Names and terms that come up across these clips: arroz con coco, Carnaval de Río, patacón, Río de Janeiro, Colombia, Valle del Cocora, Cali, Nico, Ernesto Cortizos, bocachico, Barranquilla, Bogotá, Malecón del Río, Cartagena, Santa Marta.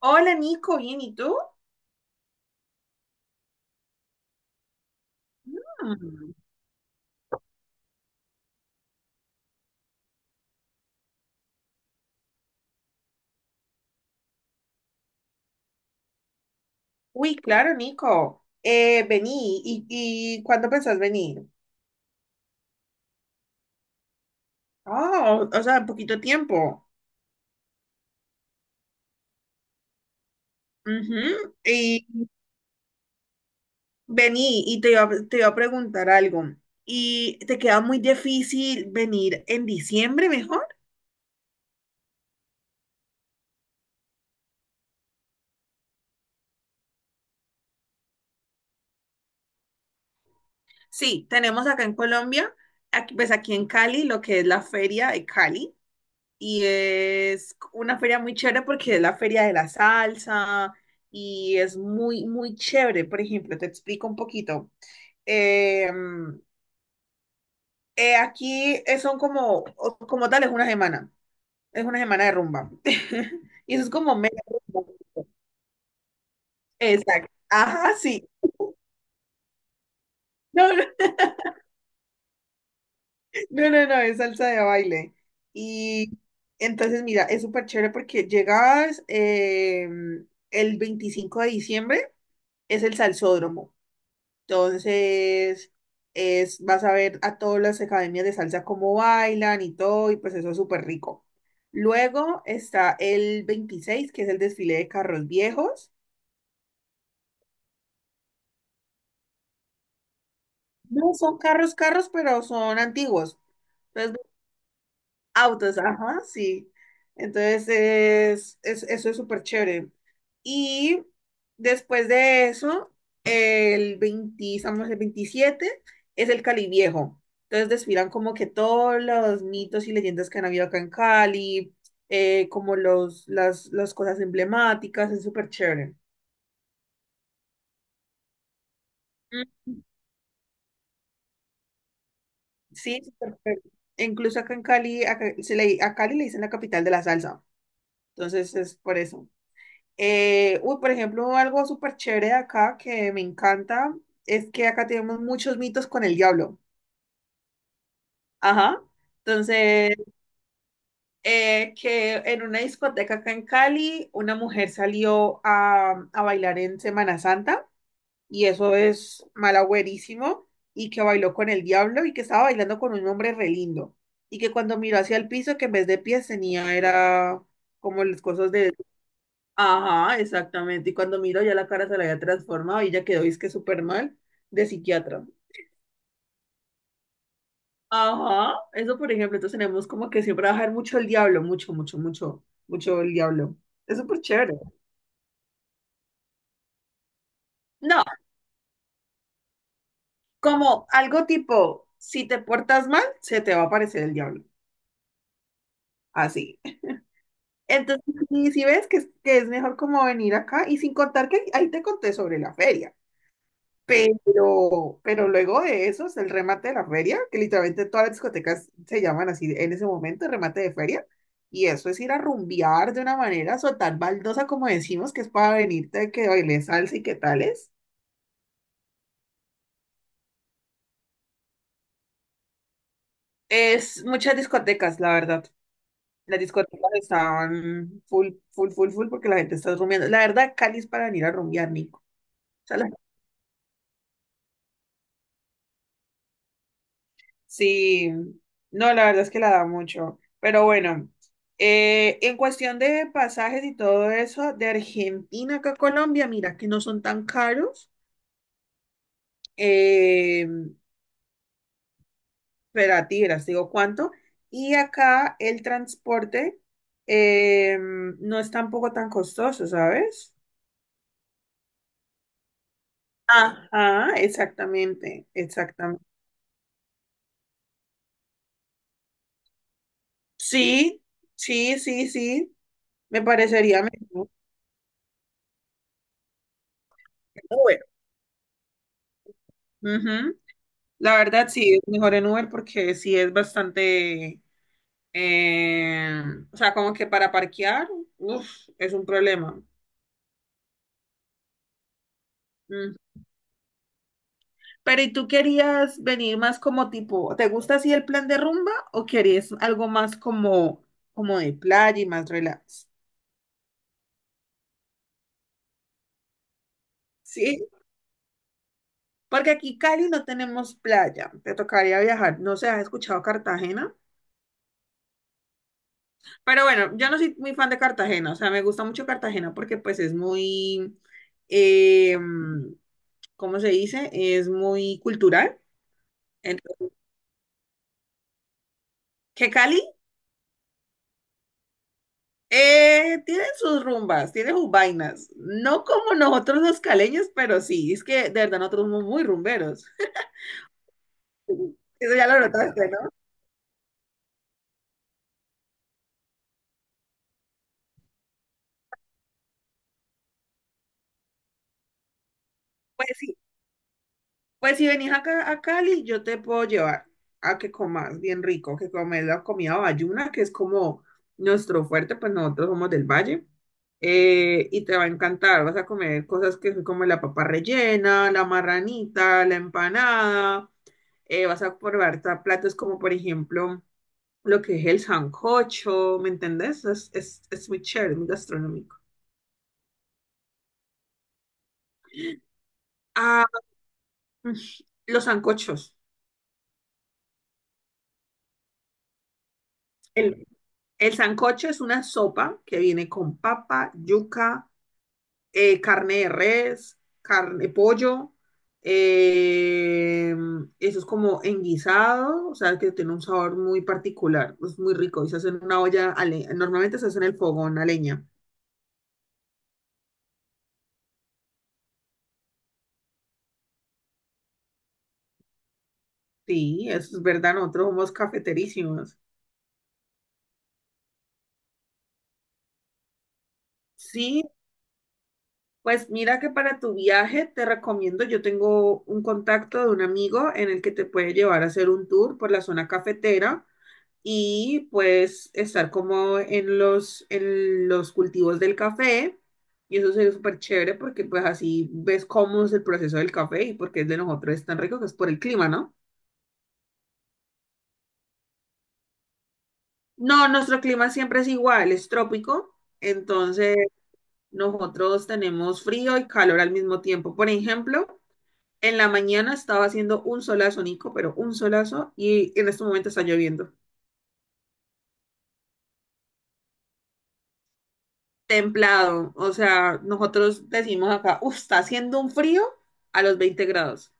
Hola Nico, bien, ¿y tú? Mm. Uy, claro, Nico. Vení, ¿Y cuándo pensás venir? Oh, o sea, en poquito tiempo. Ujú. Y vení, y te iba a preguntar algo. ¿Y te queda muy difícil venir en diciembre mejor? Sí, tenemos acá en Colombia, pues aquí en Cali, lo que es la feria de Cali. Y es una feria muy chévere porque es la feria de la salsa y es muy, muy chévere. Por ejemplo, te explico un poquito. Eh, aquí son como, como tal, es una semana de rumba. Y eso es como media rumba. Exacto. Ajá, sí. No, no. No, no, no, es salsa de baile. Y entonces, mira, es súper chévere porque llegabas el 25 de diciembre, es el salsódromo. Entonces, vas a ver a todas las academias de salsa cómo bailan y todo, y pues eso es súper rico. Luego está el veintiséis, que es el desfile de carros viejos. No son carros, carros, pero son antiguos. Entonces autos, ajá, sí. Entonces, eso es súper chévere. Y después de eso, estamos el veintisiete, es el Cali Viejo. Entonces, desfilan como que todos los mitos y leyendas que han habido acá en Cali, como los, las cosas emblemáticas, es súper chévere. Mm. Sí, súper chévere. E incluso acá en Cali, acá, a Cali le dicen la capital de la salsa. Entonces, es por eso. Uy, por ejemplo, algo súper chévere de acá que me encanta es que acá tenemos muchos mitos con el diablo. Ajá. Entonces, que en una discoteca acá en Cali, una mujer salió a bailar en Semana Santa y eso es malagüerísimo y que bailó con el diablo y que estaba bailando con un hombre re lindo y que cuando miró hacia el piso, que en vez de pies tenía era como las cosas. Ajá, exactamente. Y cuando miro, ya la cara se la había transformado y ya quedó, es que súper mal, de psiquiatra. Ajá, eso por ejemplo, entonces tenemos como que siempre bajar mucho el diablo, mucho, mucho, mucho, mucho el diablo. Es súper chévere. No, como algo tipo, si te portas mal, se te va a aparecer el diablo. Así. Entonces, y si ves que, que es mejor como venir acá, y sin contar que ahí te conté sobre la feria. Pero luego de eso es el remate de la feria, que literalmente todas las discotecas se llaman así en ese momento, remate de feria. Y eso es ir a rumbear de una manera soltar baldosa, como decimos, que es para venirte que bailes salsa y que tales. Es muchas discotecas, la verdad. Las discotecas estaban full, full, full, full, porque la gente está rumbeando. La verdad, Cali es para venir a rumbear, Nico. O sea, la Sí, no, la verdad es que la da mucho. Pero bueno, en cuestión de pasajes y todo eso, de Argentina acá a Colombia, mira que no son tan caros. Eh, pero a ti, verás, te digo cuánto. Y acá el transporte no es tampoco tan costoso, ¿sabes? Ajá, exactamente, exactamente. Sí, sí, sí, sí, me parecería mejor. Que el Uber. Ujú. La verdad sí, es mejor en Uber porque sí es bastante, eh, o sea, como que para parquear, uf, es un problema. Mm. Pero ¿y tú querías venir más como tipo, ¿te gusta así el plan de rumba o querías algo más como de playa y más relax? Sí, porque aquí Cali no tenemos playa, te tocaría viajar, no sé, ¿has escuchado Cartagena? Pero bueno, yo no soy muy fan de Cartagena, o sea, me gusta mucho Cartagena porque pues es muy... em, ¿cómo se dice? Es muy cultural. Entonces, que Cali tiene sus rumbas, tiene sus vainas. No como nosotros los caleños, pero sí, es que de verdad nosotros somos muy rumberos. Eso ya lo notaste, ¿no? Pues Pues si venís acá a Cali, yo te puedo llevar a que comas bien rico, que comes la comida bayuna, que es como nuestro fuerte, pues nosotros somos del valle. Y te va a encantar, vas a comer cosas que son como la papa rellena, la marranita, la empanada. Vas a probar platos como, por ejemplo, lo que es el sancocho, ¿me entendés? Es muy chévere, muy gastronómico. Ah, mm, los sancochos. El sancocho es una sopa que viene con papa, yuca, carne de res, carne, pollo. eh, eso es como enguisado, o sea, que tiene un sabor muy particular, es muy rico y se hace en una olla, normalmente se hace en el fogón a leña. Sí, eso es verdad, nosotros somos cafeterísimos. Sí, pues mira que para tu viaje te recomiendo, yo tengo un contacto de un amigo en el que te puede llevar a hacer un tour por la zona cafetera y pues estar como en los, cultivos del café. Y eso sería súper chévere porque pues así ves cómo es el proceso del café y por qué el de nosotros es tan rico, que es por el clima, ¿no? No, nuestro clima siempre es igual, es trópico, entonces nosotros tenemos frío y calor al mismo tiempo. Por ejemplo, en la mañana estaba haciendo un solazo, Nico, pero un solazo y en este momento está lloviendo. Templado. O sea, nosotros decimos acá, uff, está haciendo un frío a los 20 grados.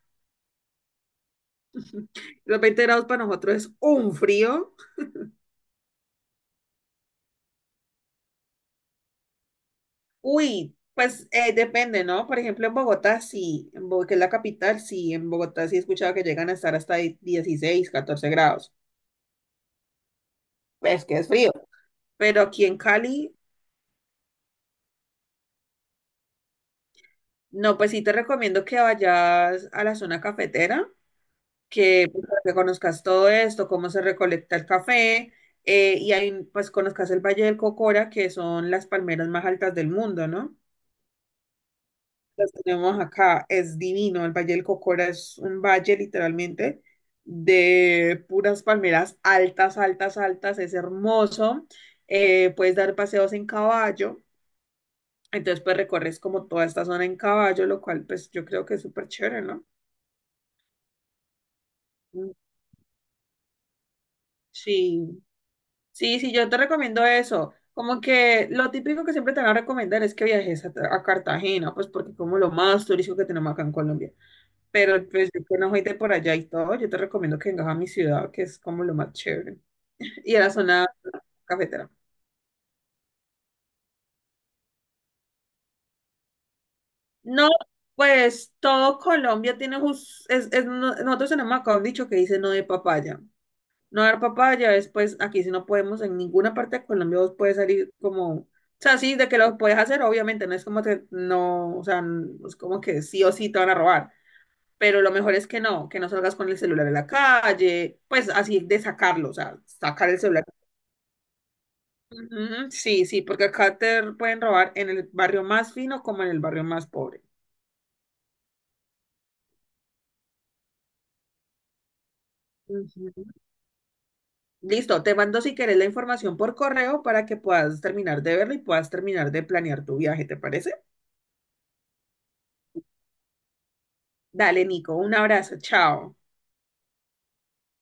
Los 20 grados para nosotros es un frío. Uy, pues depende, ¿no? Por ejemplo, en Bogotá sí, que es la capital, sí, en Bogotá sí he escuchado que llegan a estar hasta 16, 14 grados. Pues que es frío. Pero aquí en Cali, no, pues sí te recomiendo que vayas a la zona cafetera, que, pues, para que conozcas todo esto, cómo se recolecta el café, y ahí pues conozcas el Valle del Cocora, que son las palmeras más altas del mundo, ¿no? Las tenemos acá, es divino, el Valle del Cocora es un valle literalmente de puras palmeras altas, altas, altas, es hermoso, puedes dar paseos en caballo, entonces pues recorres como toda esta zona en caballo, lo cual pues yo creo que es súper chévere, ¿no? Mm. Sí. Sí, sí, yo te recomiendo eso. Como que lo típico que siempre te van a recomendar es que viajes a Cartagena, pues porque como lo más turístico que tenemos acá en Colombia. Pero pues yo que no soy de por allá y todo, yo te recomiendo que vengas a mi ciudad, que es como lo más chévere. Y a la zona cafetera. No, pues todo Colombia tiene, nosotros tenemos acá un dicho que dice no de papaya. No dar papaya, después aquí si no podemos, en ninguna parte de Colombia vos puedes salir como, o sea, sí, de que lo puedes hacer, obviamente, no es como que no, o sea, no es como que sí o sí te van a robar, pero lo mejor es que no salgas con el celular a la calle, pues así de sacarlo, o sea, sacar el celular. Ujú, sí, sí, porque acá te pueden robar en el barrio más fino como en el barrio más pobre. Ujú. Listo, te mando si querés la información por correo para que puedas terminar de verla y puedas terminar de planear tu viaje, ¿te parece? Dale, Nico, un abrazo, chao.